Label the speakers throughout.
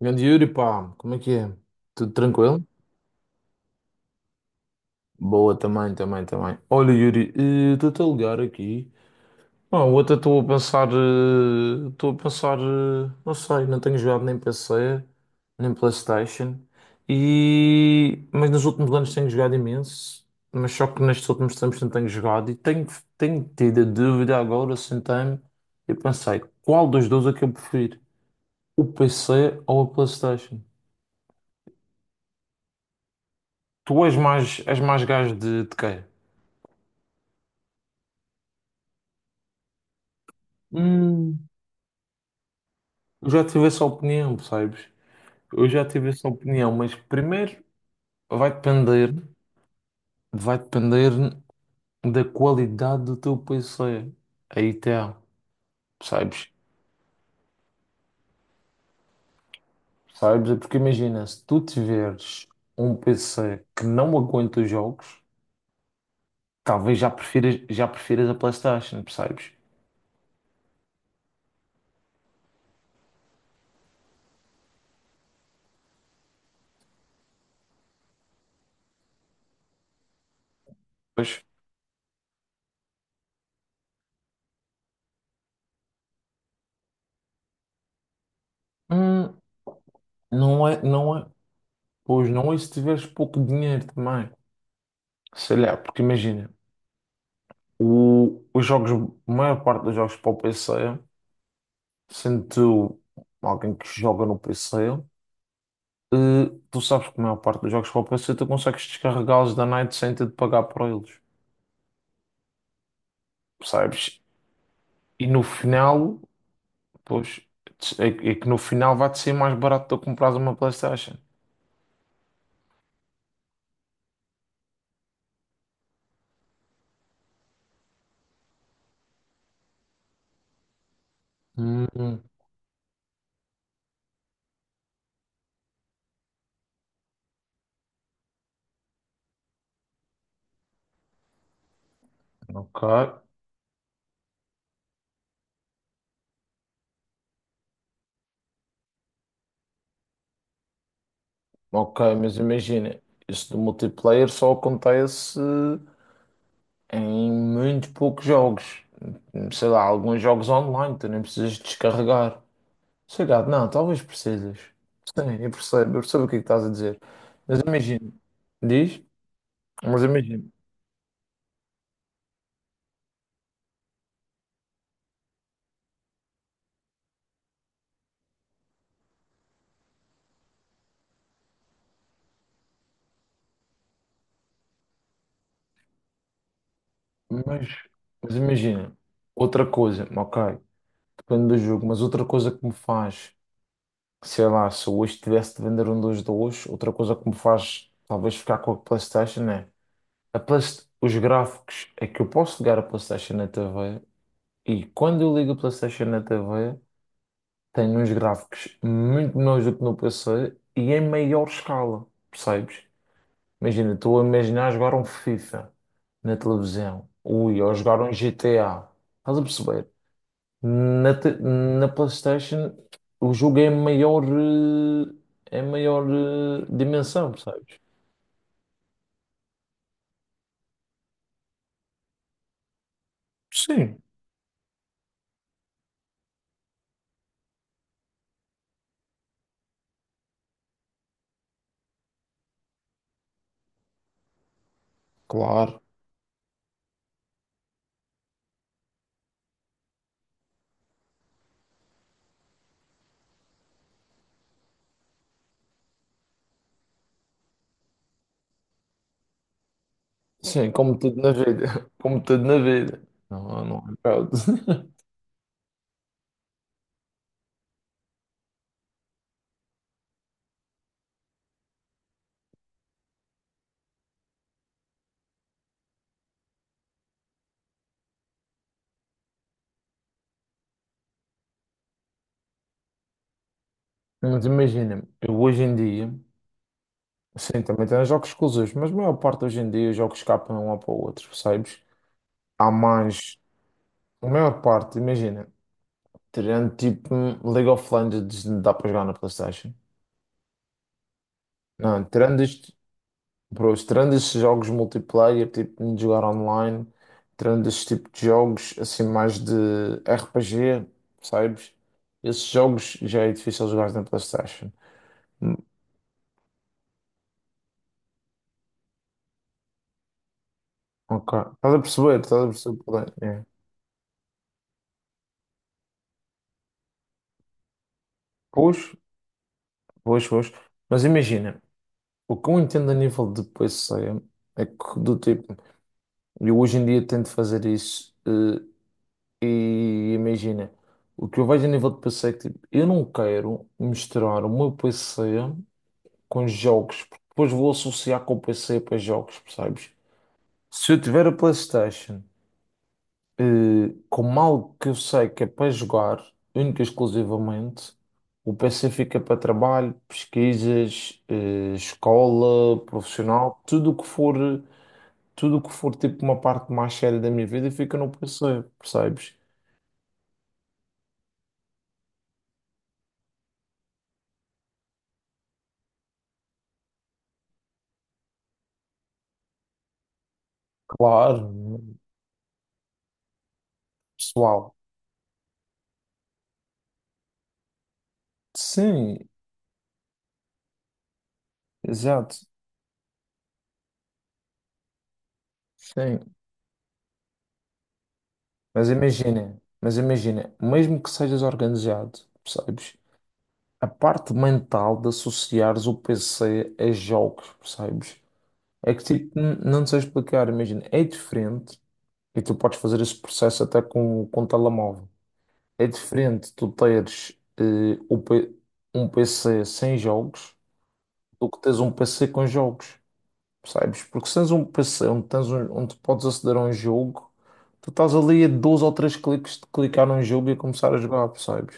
Speaker 1: Grande Yuri, pá, como é que é? Tudo tranquilo? Boa, também. Olha, Yuri, estou-te a ligar aqui. Ah, outra Estou a pensar, estou a pensar, não sei, não tenho jogado nem PC, nem PlayStation, e mas nos últimos anos tenho jogado imenso, mas só que nestes últimos tempos não tenho jogado e tenho tido a dúvida agora, sentei-me e pensei, qual dos dois é que eu prefiro? O PC ou a PlayStation? Tu és mais gajo de quê? Hum, já tive essa opinião, percebes? Eu já tive essa opinião, mas primeiro vai depender, vai depender da qualidade do teu PC. Aí tá, percebes? Percebes? É porque imagina, se tu tiveres um PC que não aguenta os jogos, talvez já prefiras a PlayStation, percebes? Pois, hum, não é, pois não é se tiveres pouco dinheiro também. Sei lá, porque imagina. Os jogos, a maior parte dos jogos para o PC, sendo tu alguém que joga no PC, eh, tu sabes que a maior parte dos jogos para o PC tu consegues descarregá-los da night sem ter de pagar por eles, percebes? E no final, pois, é que no final vai-te ser mais barato tu comprares uma PlayStation. Hum, ok, ok, mas imagina, isso do multiplayer só acontece em muito poucos jogos. Sei lá, alguns jogos online, tu nem precisas descarregar. Sei lá, não, talvez precisas. Sim, eu percebo o que é que estás a dizer. Mas imagina, diz? Mas imagina, mas, mas imagina, outra coisa, ok, depende do jogo, mas outra coisa que me faz, sei lá, se eu hoje tivesse de vender um dos dois, outra coisa que me faz talvez ficar com a PlayStation é a Play- os gráficos, é que eu posso ligar a PlayStation na TV. E quando eu ligo o PlayStation na TV, tem uns gráficos muito melhores do que no PC e em maior escala, percebes? Imagina, estou a imaginar jogar um FIFA na televisão, ui, ou jogar um GTA, estás a perceber? Na PlayStation, o jogo é em maior, é em maior dimensão, percebes? Sim, claro. Sim, como tudo na vida, como tudo na vida. Não, não é pronto. Mas imagina, eu hoje em dia, sim, também tem jogos exclusivos, mas a maior parte hoje em dia os jogos escapam um ao para o outro, percebes? Há mais, a maior parte, imagina, tirando tipo um League of Legends, não dá para jogar na PlayStation. Não, tirando isto, bro, tirando estes jogos multiplayer, tipo de jogar online, tirando este tipo de jogos, assim, mais de RPG, percebes? Esses jogos já é difícil jogar na PlayStation. Hum, Ok, estás a perceber, o problema é. Pois, pois. Mas imagina, o que eu entendo a nível de passeio é que do tipo, eu hoje em dia tento fazer isso, e imagina, o que eu vejo a nível de passeio é que tipo, eu não quero misturar o meu passeio com jogos, porque depois vou associar com o passeio para jogos, percebes? Se eu tiver a PlayStation como algo que eu sei que é para jogar, única e exclusivamente, o PC fica para trabalho, pesquisas, escola, profissional, tudo o que for, tudo o que for tipo uma parte mais séria da minha vida fica no PC, percebes? Claro, pessoal. Sim, exato, sim. Mas imagina, mesmo que sejas organizado, percebes? A parte mental de associares o PC a jogos, percebes? É que tipo, não sei explicar, imagina, é diferente e tu podes fazer esse processo até com telemóvel. É diferente tu teres um PC sem jogos do que teres um PC com jogos, percebes? Porque se tens um PC onde, tens um, onde podes aceder a um jogo, tu estás ali a dois ou três cliques de clicar num jogo e começar a jogar, percebes?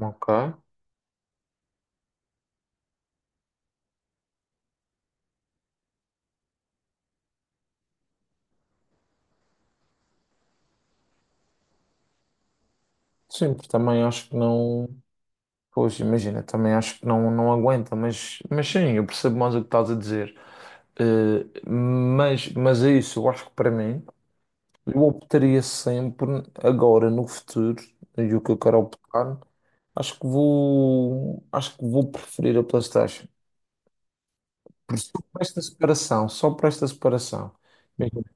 Speaker 1: Ok. Sim, porque também acho que não. Pois, imagina, também acho que não, não aguenta, mas sim, eu percebo mais o que estás a dizer. Mas é isso, eu acho que para mim, eu optaria sempre agora no futuro, e o que eu quero optar, acho que vou preferir a PlayStation. Por só por esta separação, só por esta separação. Imagina,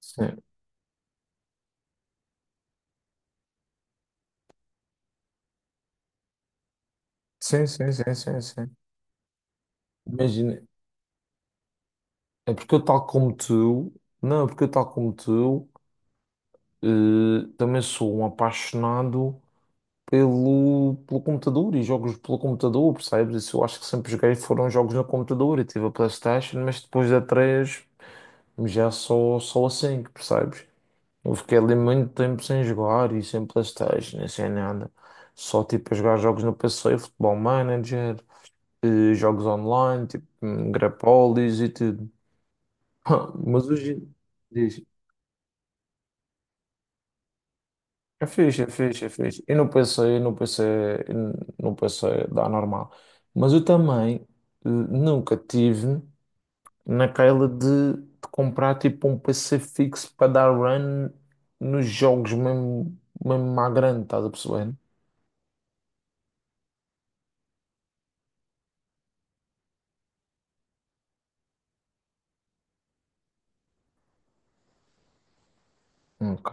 Speaker 1: Sim, sim. Imagina, é porque eu tal como tu, não, é porque eu tal como tu, eh, também sou um apaixonado pelo computador e jogos pelo computador, percebes? Isso eu acho que sempre joguei foram jogos no computador. Eu tive a PlayStation, mas depois da 3 já só a 5, percebes? Eu fiquei ali muito tempo sem jogar e sem PlayStation, e sem nada. Só tipo a jogar jogos no PC, Futebol Manager, jogos online, tipo Grapolis e tudo. Mas hoje. Diz. É fixe. Eu não pensei dar normal. Mas eu também nunca tive naquela de comprar tipo um PC fixo para dar run nos jogos mesmo, mesmo à grande, estás a perceber? Ok,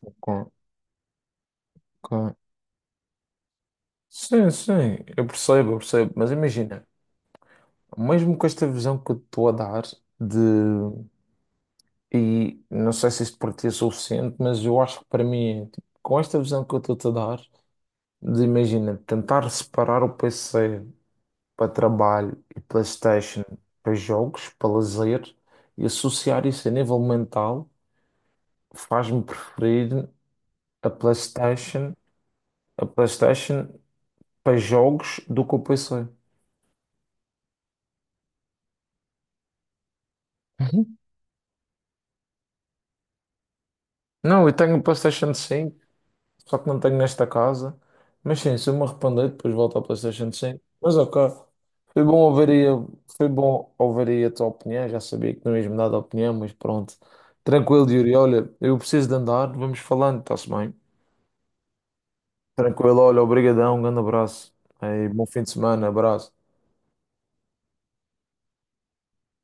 Speaker 1: ok, ok. Sim, sim, eu percebo. Mas imagina, mesmo com esta visão que eu estou a dar de, e não sei se isso para ti é suficiente, mas eu acho que para mim, é, tipo, com esta visão que eu estou-te a dar, de imagina, tentar separar o PC para trabalho e PlayStation para jogos, para lazer, e associar isso a nível mental, faz-me preferir a PlayStation, a PlayStation para jogos do que o PC. Uhum. Não, eu tenho o PlayStation 5. Só que não tenho nesta casa. Mas sim, se eu me arrepender, depois volto ao PlayStation 5. Mas ok, foi bom ouvir aí, foi bom ouvir aí a tua opinião. Já sabia que não ias me dar a opinião, mas pronto. Tranquilo, Yuri. Olha, eu preciso de andar. Vamos falando, está-se bem? Tranquilo, olha, obrigadão. Um grande abraço. Aí, bom fim de semana, abraço.